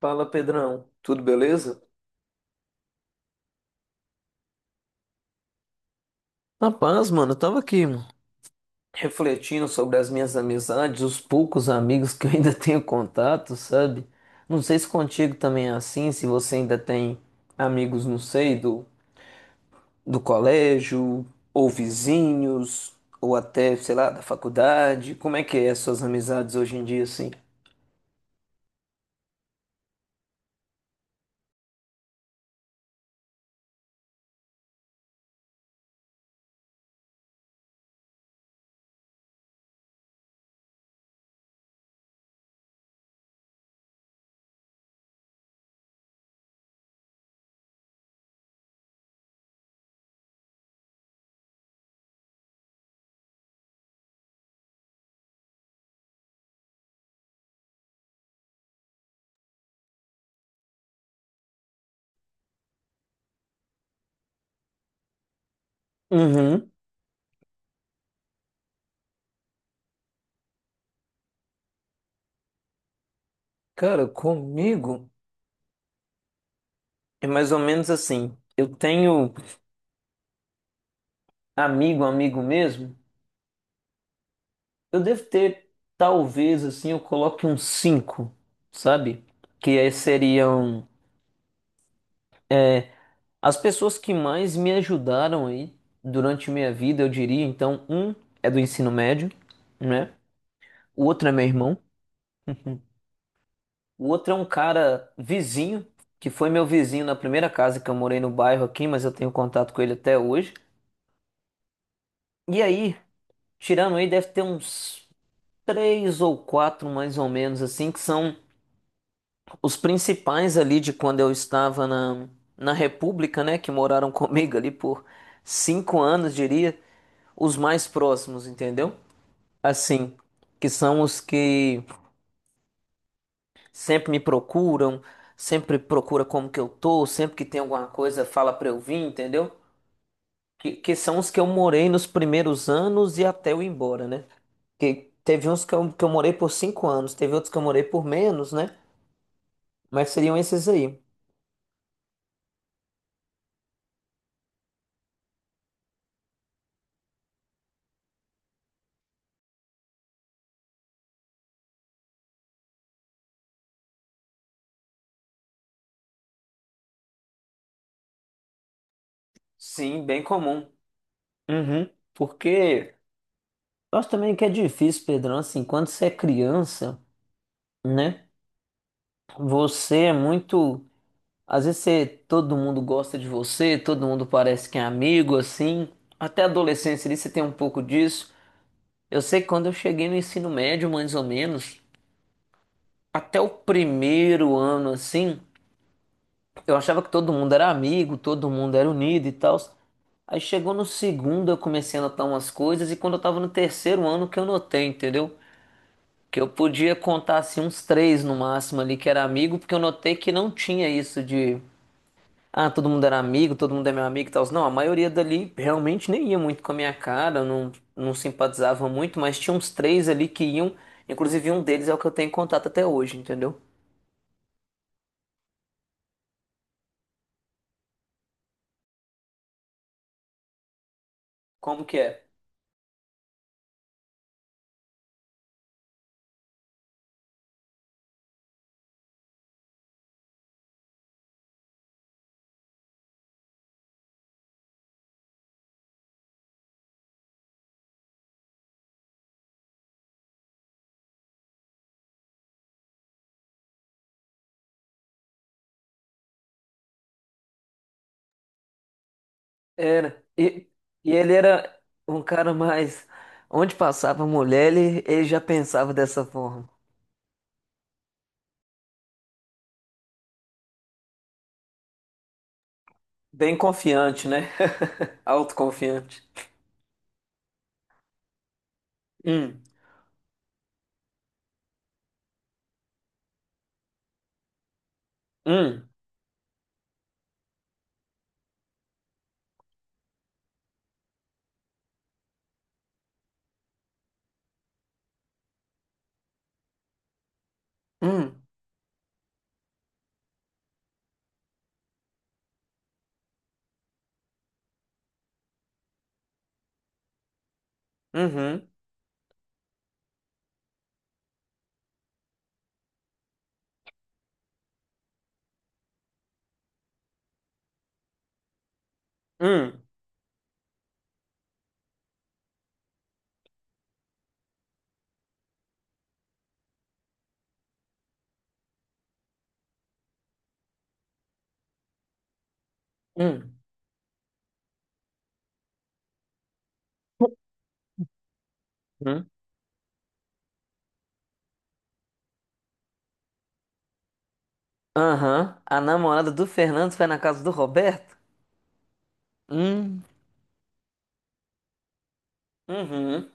Fala, Pedrão. Tudo beleza? Rapaz, mano, eu tava aqui mano, refletindo sobre as minhas amizades, os poucos amigos que eu ainda tenho contato, sabe? Não sei se contigo também é assim, se você ainda tem amigos, não sei, do colégio, ou vizinhos, ou até, sei lá, da faculdade. Como é que é as suas amizades hoje em dia, assim? Uhum. Cara, comigo é mais ou menos assim. Eu tenho amigo, amigo mesmo. Eu devo ter, talvez, assim, eu coloque uns cinco, sabe? Que aí seriam as pessoas que mais me ajudaram aí durante minha vida, eu diria. Então, um é do ensino médio, né? O outro é meu irmão. O outro é um cara vizinho, que foi meu vizinho na primeira casa que eu morei no bairro aqui, mas eu tenho contato com ele até hoje. E aí, tirando aí, deve ter uns três ou quatro, mais ou menos, assim, que são. Os principais ali de quando eu estava na, na República, né, que moraram comigo ali por cinco anos, diria, os mais próximos, entendeu? Assim, que são os que sempre me procuram, sempre procura como que eu tô, sempre que tem alguma coisa fala pra eu vir, entendeu? Que são os que eu morei nos primeiros anos e até eu ir embora, né? Que teve uns que eu morei por cinco anos, teve outros que eu morei por menos, né? Mas seriam esses aí. Sim, bem comum. Uhum. Porque eu acho também que é difícil, Pedrão, assim, quando você é criança, né? Você é muito. Às vezes você, todo mundo gosta de você, todo mundo parece que é amigo, assim. Até a adolescência ali você tem um pouco disso. Eu sei que quando eu cheguei no ensino médio, mais ou menos, até o primeiro ano, assim, eu achava que todo mundo era amigo, todo mundo era unido e tal. Aí chegou no segundo, eu comecei a notar umas coisas, e quando eu tava no terceiro ano que eu notei, entendeu? Que eu podia contar assim uns três no máximo ali que era amigo, porque eu notei que não tinha isso de ah, todo mundo era amigo, todo mundo é meu amigo e tal. Não, a maioria dali realmente nem ia muito com a minha cara, não, não simpatizava muito, mas tinha uns três ali que iam, inclusive um deles é o que eu tenho contato até hoje, entendeu? Como que é? Era. E ele era um cara mais. Onde passava mulher, ele já pensava dessa forma. Bem confiante, né? Autoconfiante. Hum, hum, hum. Uhum. Hum. Hum. Hum. Aham. A namorada do Fernando foi na casa do Roberto? Hum. Uhum.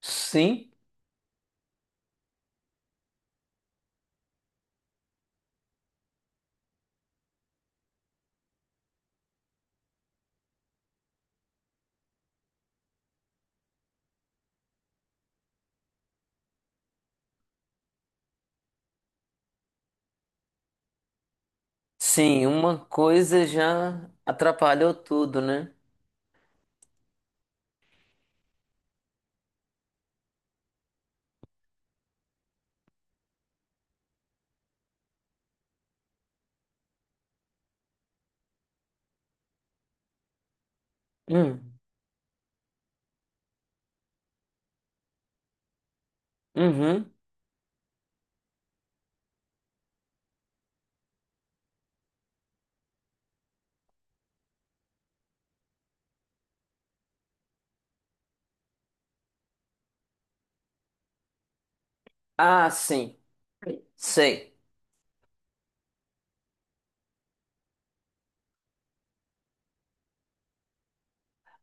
Sim. Sim, uma coisa já atrapalhou tudo, né? Hum. Uhum. Ah, sim. Sei.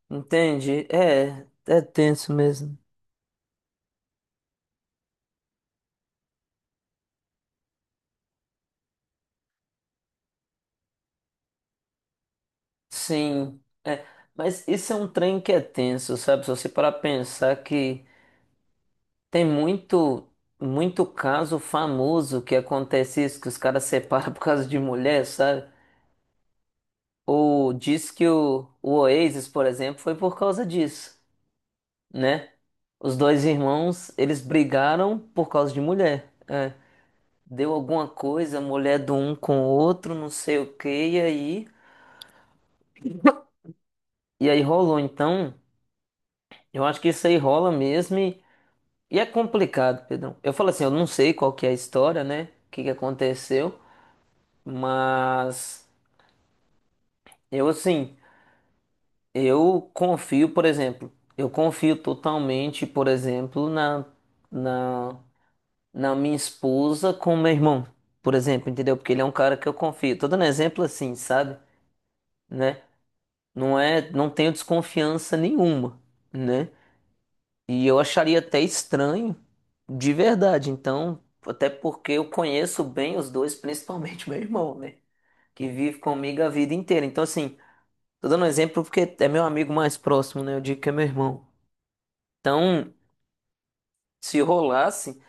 Entendi. É, é tenso mesmo. Sim. É. Mas isso é um trem que é tenso, sabe? Se você parar pra pensar que tem muito, muito caso famoso que acontece isso, que os caras separam por causa de mulher, sabe? Ou diz que o Oasis, por exemplo, foi por causa disso, né? Os dois irmãos, eles brigaram por causa de mulher. É. Deu alguma coisa, mulher do um com o outro, não sei o que e aí, rolou. Então, eu acho que isso aí rola mesmo e é complicado, Pedrão. Eu falo assim, eu não sei qual que é a história, né? O que que aconteceu, mas. Eu, assim, eu confio, por exemplo, eu confio totalmente, por exemplo, na, na minha esposa com meu irmão, por exemplo, entendeu? Porque ele é um cara que eu confio. Tô dando exemplo assim, sabe? Né? Não é, não tenho desconfiança nenhuma, né? E eu acharia até estranho, de verdade. Então, até porque eu conheço bem os dois, principalmente meu irmão, né? Que vive comigo a vida inteira. Então, assim. Tô dando um exemplo porque é meu amigo mais próximo, né? Eu digo que é meu irmão. Então, se rolasse,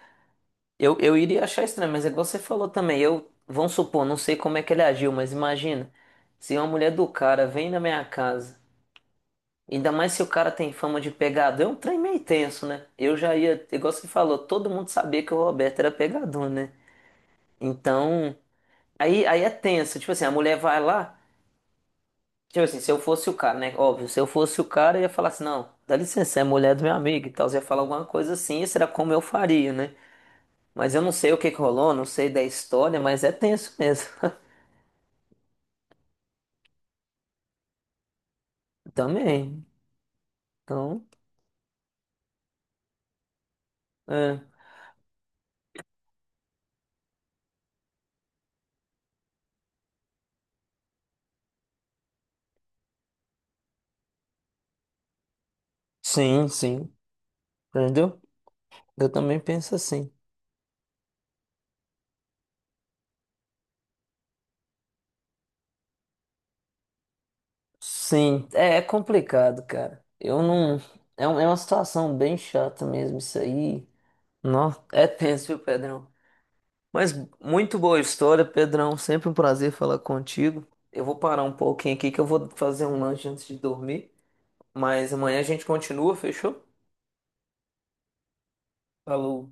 eu iria achar estranho, mas é igual você falou também. Eu, vamos supor, não sei como é que ele agiu, mas imagina, se uma mulher do cara vem na minha casa, ainda mais se o cara tem fama de pegador, é um trem meio tenso, né? Eu já ia, igual você falou, todo mundo sabia que o Roberto era pegador, né? Então, aí, é tenso. Tipo assim, a mulher vai lá. Tipo assim, se eu fosse o cara, né? Óbvio, se eu fosse o cara, eu ia falar assim, não, dá licença, é mulher do meu amigo e tal. Você ia falar alguma coisa assim, será como eu faria, né? Mas eu não sei o que que rolou, não sei da história, mas é tenso mesmo. Também. Então, é. Sim, sim. Entendeu? Eu também penso assim. Sim, é, é complicado, cara. Eu não. É, é uma situação bem chata mesmo, isso aí. Nossa, é tenso, viu, Pedrão? Mas muito boa história, Pedrão. Sempre um prazer falar contigo. Eu vou parar um pouquinho aqui que eu vou fazer um lanche antes de dormir. Mas amanhã a gente continua, fechou? Falou.